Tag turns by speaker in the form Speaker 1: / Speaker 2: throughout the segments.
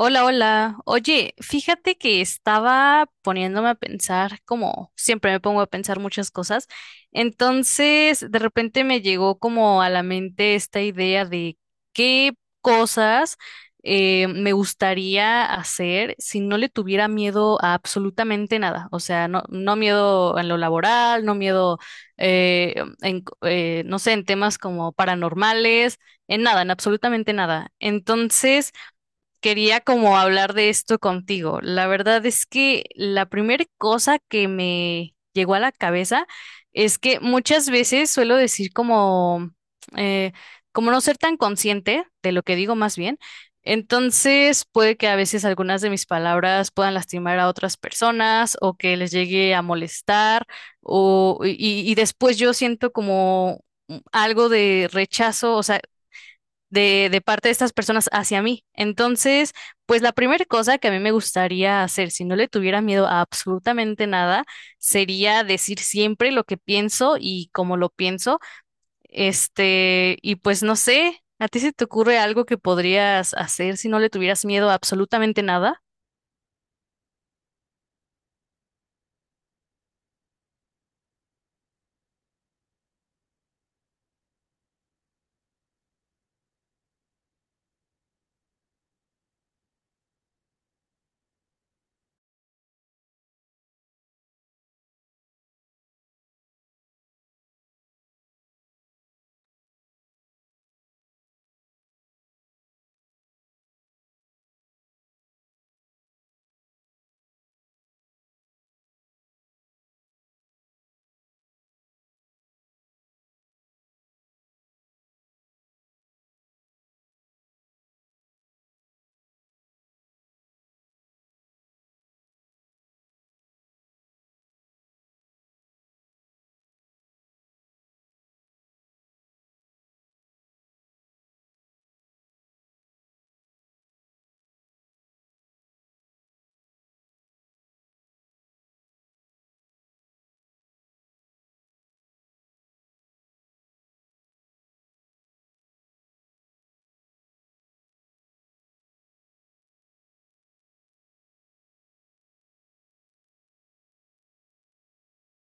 Speaker 1: Hola, hola. Oye, fíjate que estaba poniéndome a pensar, como siempre me pongo a pensar muchas cosas. Entonces, de repente me llegó como a la mente esta idea de qué cosas me gustaría hacer si no le tuviera miedo a absolutamente nada. O sea, no miedo en lo laboral, no miedo eh, en, no sé, en temas como paranormales, en nada, en absolutamente nada. Entonces, quería como hablar de esto contigo. La verdad es que la primera cosa que me llegó a la cabeza es que muchas veces suelo decir eh, como no ser tan consciente de lo que digo más bien. Entonces puede que a veces algunas de mis palabras puedan lastimar a otras personas o que les llegue a molestar y después yo siento como algo de rechazo, o sea, de parte de estas personas hacia mí. Entonces, pues la primera cosa que a mí me gustaría hacer, si no le tuviera miedo a absolutamente nada, sería decir siempre lo que pienso y cómo lo pienso. Este, y pues no sé, ¿a ti se te ocurre algo que podrías hacer si no le tuvieras miedo a absolutamente nada?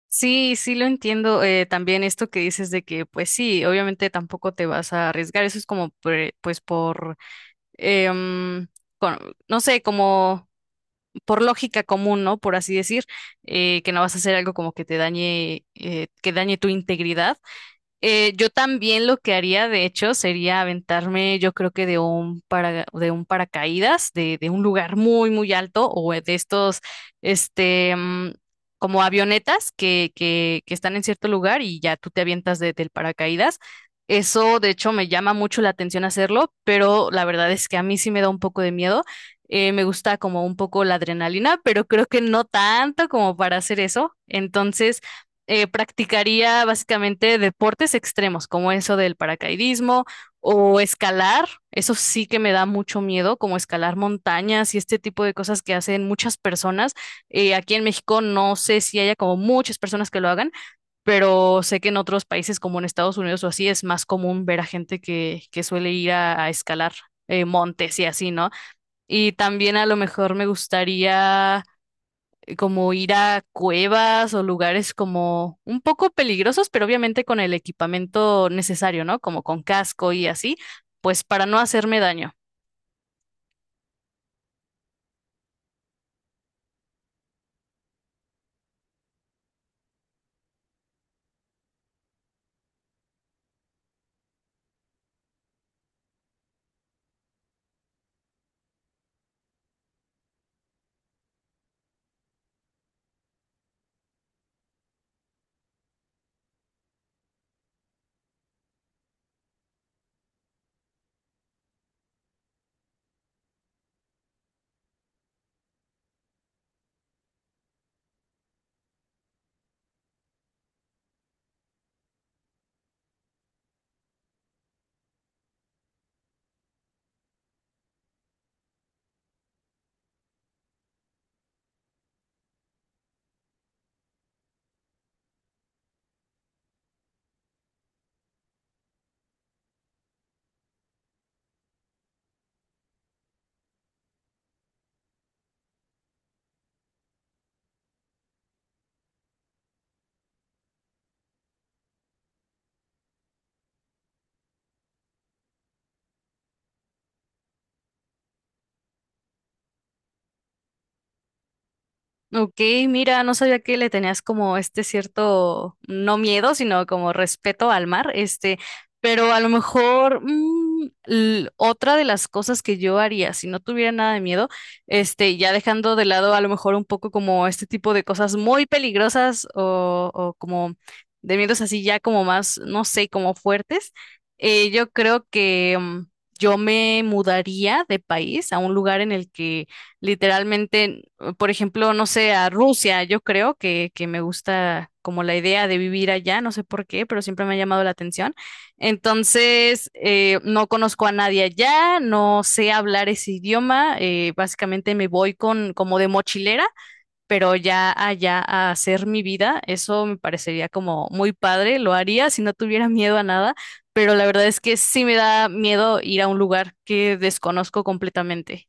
Speaker 1: Sí, sí lo entiendo. También esto que dices de que, pues sí, obviamente tampoco te vas a arriesgar. Eso es como, pues por, em, con- no sé, como por lógica común, ¿no? Por así decir, que no vas a hacer algo como que te dañe, que dañe tu integridad. Yo también lo que haría, de hecho, sería aventarme, yo creo que de un paracaídas, de un lugar muy, muy alto, o de estos, este, como avionetas que están en cierto lugar y ya tú te avientas del paracaídas. Eso, de hecho, me llama mucho la atención hacerlo, pero la verdad es que a mí sí me da un poco de miedo. Me gusta como un poco la adrenalina, pero creo que no tanto como para hacer eso. Entonces, practicaría básicamente deportes extremos, como eso del paracaidismo o escalar. Eso sí que me da mucho miedo, como escalar montañas y este tipo de cosas que hacen muchas personas. Aquí en México no sé si haya como muchas personas que lo hagan, pero sé que en otros países como en Estados Unidos o así es más común ver a gente que suele ir a escalar. Montes y así, ¿no? Y también a lo mejor me gustaría como ir a cuevas o lugares como un poco peligrosos, pero obviamente con el equipamiento necesario, ¿no? Como con casco y así, pues para no hacerme daño. Ok, mira, no sabía que le tenías como este cierto, no miedo, sino como respeto al mar, este, pero a lo mejor otra de las cosas que yo haría si no tuviera nada de miedo, este, ya dejando de lado a lo mejor un poco como este tipo de cosas muy peligrosas o como de miedos así ya como más, no sé, como fuertes, yo creo que yo me mudaría de país a un lugar en el que literalmente por ejemplo, no sé, a Rusia, yo creo que me gusta como la idea de vivir allá, no sé por qué, pero siempre me ha llamado la atención. Entonces, no conozco a nadie allá, no sé hablar ese idioma, básicamente me voy con como de mochilera, pero ya allá a hacer mi vida, eso me parecería como muy padre, lo haría si no tuviera miedo a nada, pero la verdad es que sí me da miedo ir a un lugar que desconozco completamente.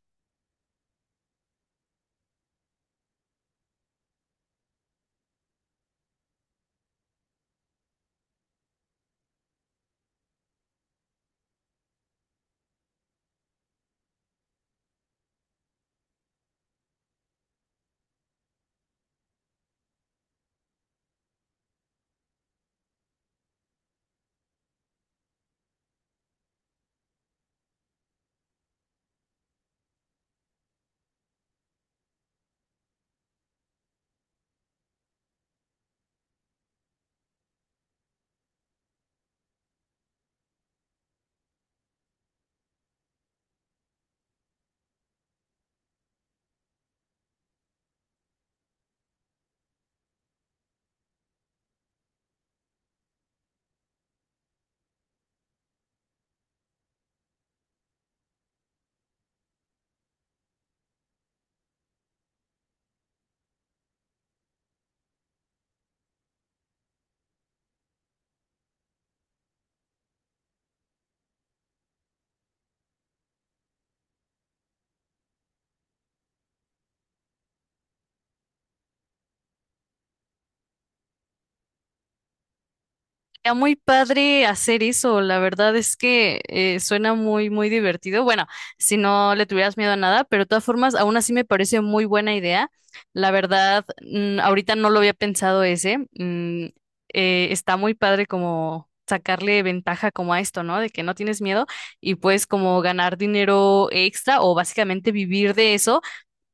Speaker 1: Era muy padre hacer eso, la verdad es que suena muy, muy divertido. Bueno, si no le tuvieras miedo a nada, pero de todas formas, aún así me parece muy buena idea. La verdad, ahorita no lo había pensado ese. Está muy padre como sacarle ventaja como a esto, ¿no? De que no tienes miedo y puedes como ganar dinero extra o básicamente vivir de eso.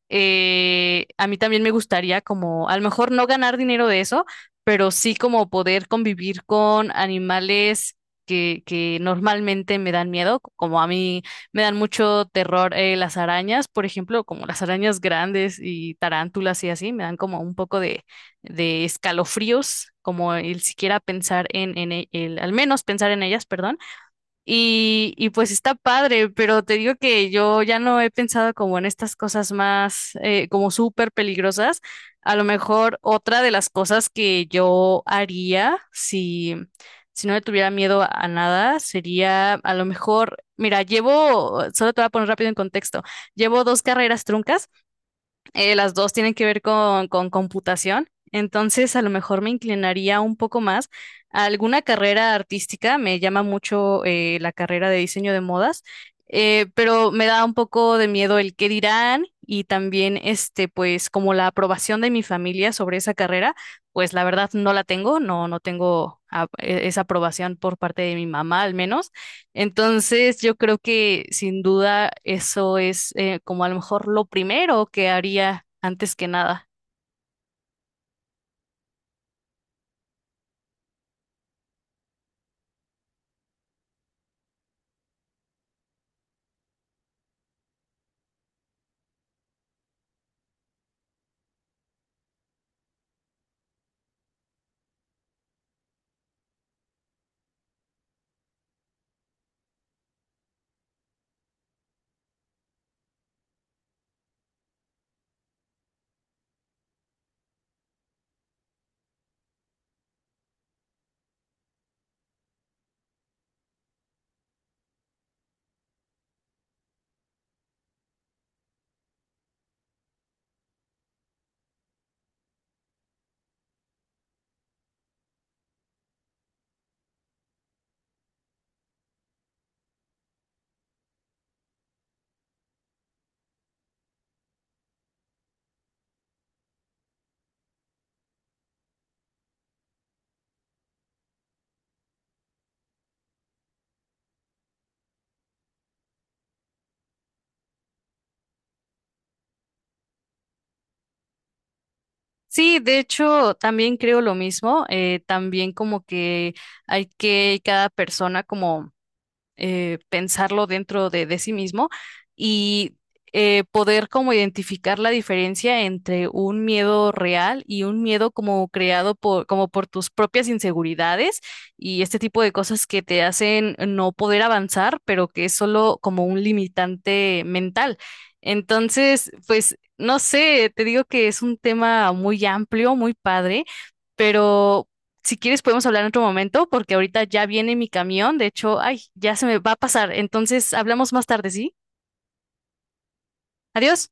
Speaker 1: A mí también me gustaría como, a lo mejor no ganar dinero de eso, pero sí como poder convivir con animales que normalmente me dan miedo, como a mí me dan mucho terror las arañas, por ejemplo, como las arañas grandes y tarántulas y así, me dan como un poco de escalofríos, como el siquiera pensar en, el, al menos pensar en ellas, perdón. Y pues está padre, pero te digo que yo ya no he pensado como en estas cosas más como súper peligrosas. A lo mejor otra de las cosas que yo haría si no le tuviera miedo a nada sería a lo mejor, mira, llevo, solo te voy a poner rápido en contexto, llevo dos carreras truncas las dos tienen que ver con computación, entonces a lo mejor me inclinaría un poco más a alguna carrera artística, me llama mucho la carrera de diseño de modas, pero me da un poco de miedo el qué dirán y también este, pues como la aprobación de mi familia sobre esa carrera, pues la verdad no la tengo, no tengo esa aprobación por parte de mi mamá al menos. Entonces, yo creo que sin duda eso es como a lo mejor lo primero que haría antes que nada. Sí, de hecho, también creo lo mismo. También como que hay que cada persona como pensarlo dentro de sí mismo y poder como identificar la diferencia entre un miedo real y un miedo como creado por, como por tus propias inseguridades y este tipo de cosas que te hacen no poder avanzar, pero que es solo como un limitante mental. Entonces, pues, no sé, te digo que es un tema muy amplio, muy padre. Pero si quieres, podemos hablar en otro momento porque ahorita ya viene mi camión. De hecho, ay, ya se me va a pasar. Entonces, hablamos más tarde, ¿sí? Adiós.